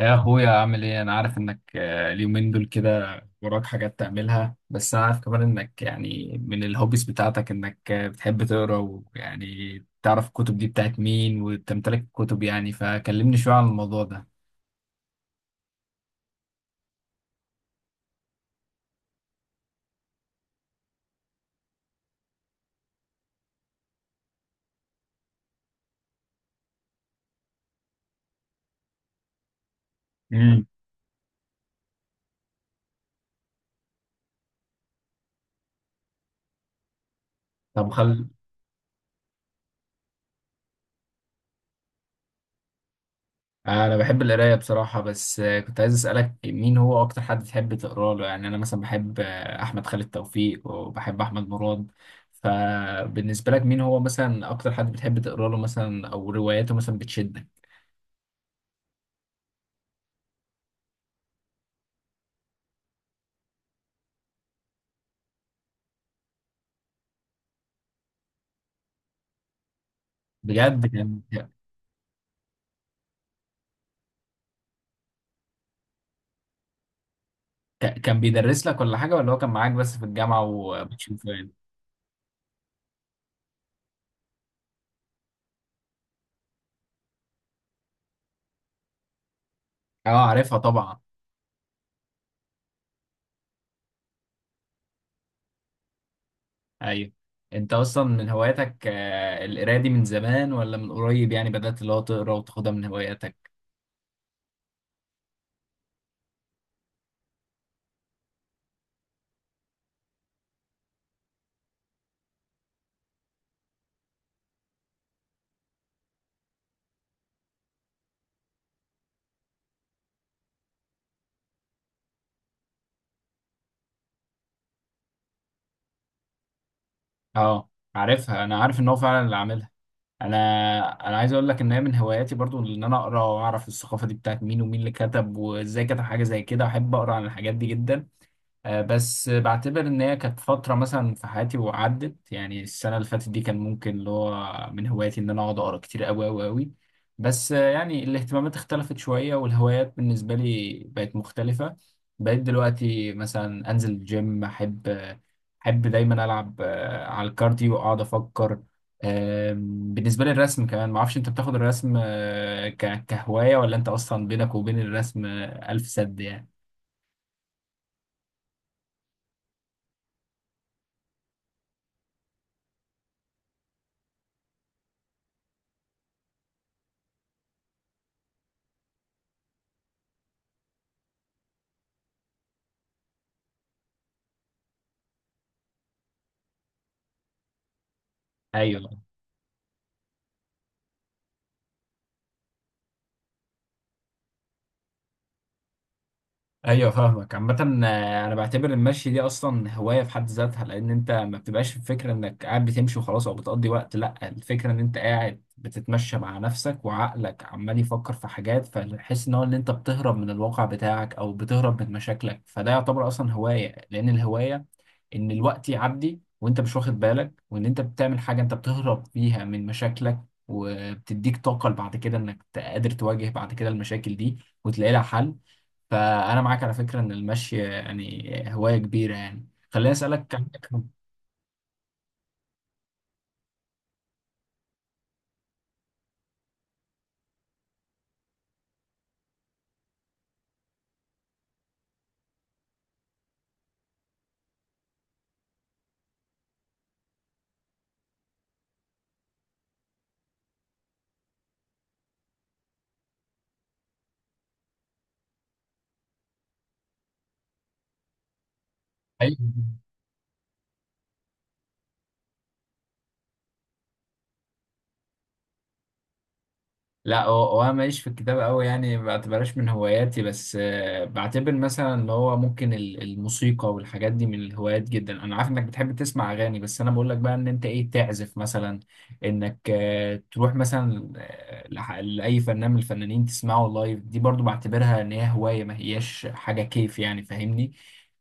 يا اخويا، عامل ايه؟ انا عارف انك اليومين دول كده وراك حاجات تعملها، بس انا عارف كمان انك يعني من الهوبيز بتاعتك انك بتحب تقرا ويعني تعرف الكتب دي بتاعت مين وتمتلك الكتب، يعني فكلمني شوية عن الموضوع ده. امم. طب، انا بحب القراية بصراحة، بس كنت عايز اسألك مين هو اكتر حد تحب تقرا له. يعني انا مثلا بحب احمد خالد توفيق، وبحب احمد مراد. فبالنسبة لك مين هو مثلا اكتر حد بتحب تقرا له مثلا، او رواياته مثلا بتشدك؟ بجد كان؟ كان بيدرس لك ولا حاجة، ولا هو كان معاك بس في الجامعة وبتشوفه يعني؟ اه، عارفها طبعا. ايوه. انت اصلا من هواياتك القراية دي من زمان ولا من قريب؟ يعني بدأت اللي هو تقرا وتاخدها من هواياتك؟ اه، عارفها، انا عارف ان هو فعلا اللي عاملها. انا انا عايز اقول لك ان هي من هواياتي برضو، ان انا اقرا واعرف الثقافة دي بتاعت مين، ومين اللي كتب وازاي كتب. حاجة زي كده احب اقرا عن الحاجات دي جدا. بس بعتبر ان هي كانت فتره مثلا في حياتي وعدت. يعني السنه اللي فاتت دي كان ممكن اللي هو من هواياتي ان انا اقعد اقرا كتير قوي قوي قوي. بس يعني الاهتمامات اختلفت شويه، والهوايات بالنسبه لي بقت مختلفه. بقيت دلوقتي مثلا انزل الجيم، احب دايما العب على الكارديو واقعد افكر. بالنسبه لي الرسم كمان، معرفش انت بتاخد الرسم كهوايه، ولا انت اصلا بينك وبين الرسم الف سد يعني؟ ايوه، ايوه، فاهمك. عامة، انا بعتبر المشي دي اصلا هواية في حد ذاتها، لان انت ما بتبقاش الفكرة انك قاعد بتمشي وخلاص او بتقضي وقت. لا، الفكرة ان انت قاعد بتتمشى مع نفسك وعقلك عمال يفكر في حاجات، فتحس ان هو ان انت بتهرب من الواقع بتاعك، او بتهرب من مشاكلك. فده يعتبر اصلا هواية، لان الهواية ان الوقت يعدي وانت مش واخد بالك، وان انت بتعمل حاجة انت بتهرب فيها من مشاكلك، وبتديك طاقة بعد كده انك قادر تواجه بعد كده المشاكل دي وتلاقي لها حل. فانا معاك على فكره ان المشي يعني هوايه كبيره. يعني خليني اسالك، عندك؟ ايوه. لا، هو هو انا ماليش في الكتابة قوي، يعني ما بعتبرهاش من هواياتي. بس بعتبر مثلا اللي هو ممكن الموسيقى والحاجات دي من الهوايات جدا. انا عارف انك بتحب تسمع اغاني، بس انا بقول لك بقى ان انت ايه، تعزف مثلا؟ انك تروح مثلا لاي فنان من الفنانين تسمعه لايف. دي برضو بعتبرها ان هي هواية، ما هياش حاجة كيف، يعني فاهمني؟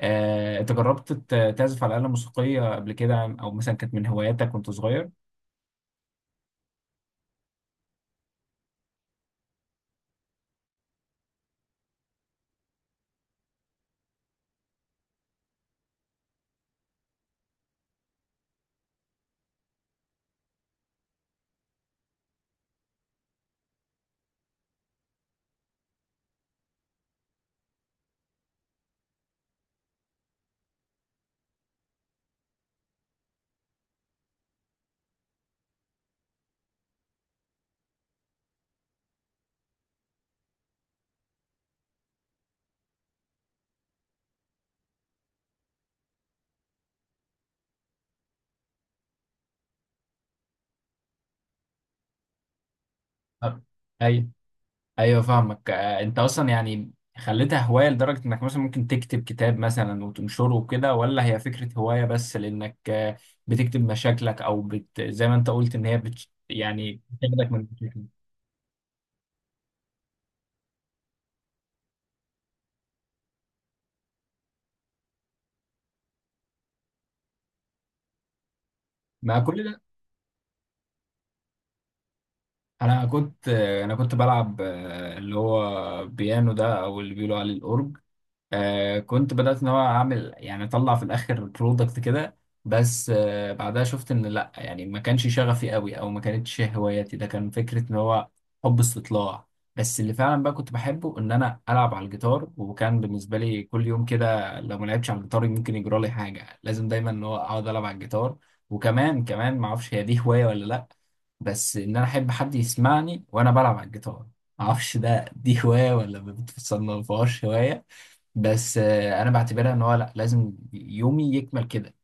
انت جربت تعزف على آلة موسيقية قبل كده، او مثلا كانت من هواياتك وانت صغير؟ أه. أيوة. ايوه، فاهمك. انت اصلا يعني خليتها هوايه لدرجه انك مثلا ممكن تكتب كتاب مثلا وتنشره وكده، ولا هي فكره هوايه بس لانك بتكتب مشاكلك، او زي ما انت قلت ان هي يعني بتاخدك من مشاكلك؟ مع كل ده، انا كنت بلعب اللي هو بيانو ده، او اللي بيقولوا عليه الاورج. كنت بدأت ان هو اعمل يعني اطلع في الاخر برودكت كده. بس بعدها شفت ان لا، يعني ما كانش شغفي قوي، او ما كانتش هواياتي. ده كان فكرة ان هو حب استطلاع. بس اللي فعلا بقى كنت بحبه ان انا العب على الجيتار، وكان بالنسبة لي كل يوم كده لو ما لعبتش على الجيتار ممكن يجرى لي حاجة، لازم دايما ان هو اقعد العب على الجيتار. وكمان ما اعرفش هي دي هواية ولا لا، بس ان انا احب حد يسمعني وانا بلعب على الجيتار. ما اعرفش ده دي هواية ولا ما بتصنفهاش هواية، بس انا بعتبرها ان هو لا، لازم يومي يكمل كده.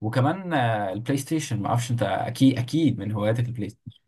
وكمان البلاي ستيشن، ما اعرفش انت اكيد اكيد من هواياتك البلاي ستيشن؟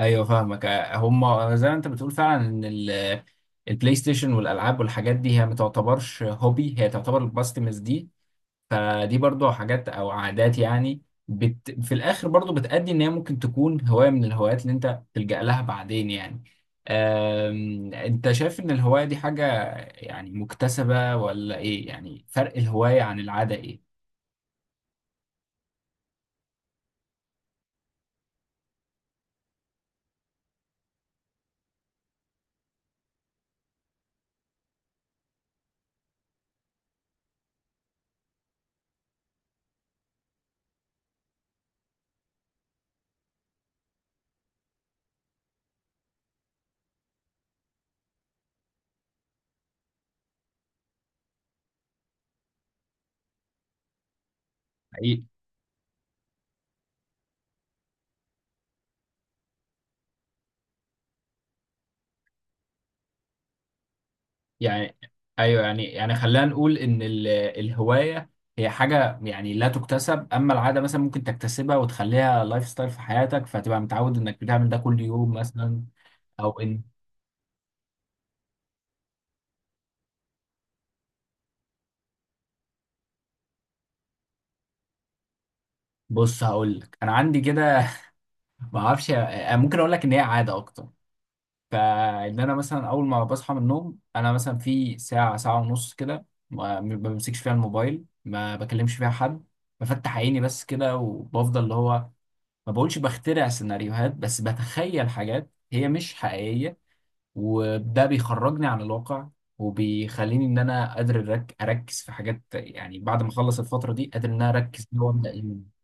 ايوه، فاهمك. هم زي ما انت بتقول فعلا ان البلاي ستيشن والالعاب والحاجات دي هي ما تعتبرش هوبي، هي تعتبر الباستمز دي. فدي برضو حاجات او عادات، يعني في الاخر برضو بتأدي ان هي ممكن تكون هواية من الهوايات اللي انت تلجأ لها بعدين يعني. انت شايف ان الهواية دي حاجة يعني مكتسبة ولا ايه؟ يعني فرق الهواية عن العادة ايه؟ حقيقي. يعني ايوه، يعني خلينا نقول ان الهواية هي حاجة يعني لا تكتسب، اما العادة مثلا ممكن تكتسبها وتخليها لايف ستايل في حياتك، فتبقى متعود انك بتعمل ده كل يوم مثلا. او ان بص هقول لك، انا عندي كده، ما اعرفش، ممكن اقول لك ان هي عاده اكتر. فان انا مثلا اول ما بصحى من النوم انا مثلا في ساعه ساعه ونص كده ما بمسكش فيها الموبايل، ما بكلمش فيها حد، بفتح عيني بس كده، وبفضل اللي هو ما بقولش بخترع سيناريوهات، بس بتخيل حاجات هي مش حقيقيه، وده بيخرجني عن الواقع وبيخليني ان انا قادر اركز في حاجات. يعني بعد ما اخلص الفتره دي قادر ان انا اركز اللي هو ابدا يومي.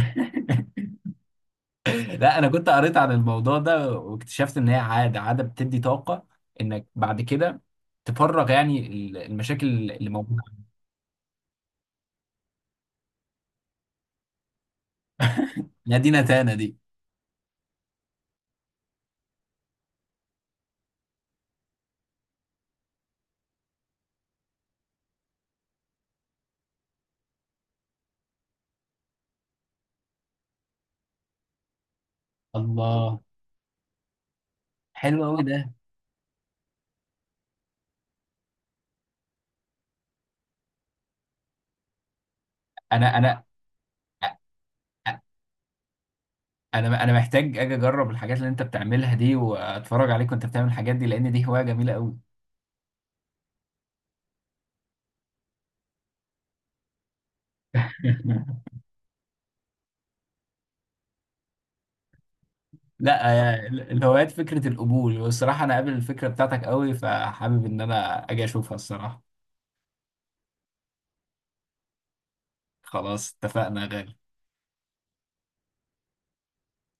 لا، انا كنت قريت عن الموضوع ده واكتشفت ان هي عاده، عاده بتدي طاقه انك بعد كده تفرغ يعني المشاكل اللي موجوده. نادينا تانا دي. الله، حلو قوي ده. انا انا انا محتاج اجي اجرب الحاجات اللي انت بتعملها دي، واتفرج عليك وانت بتعمل الحاجات دي، لان دي هوايه جميله قوي. لا، الهوايات فكره القبول، والصراحه انا قابل الفكره بتاعتك قوي، فحابب ان انا اجي اشوفها الصراحه. خلاص اتفقنا يا غالي.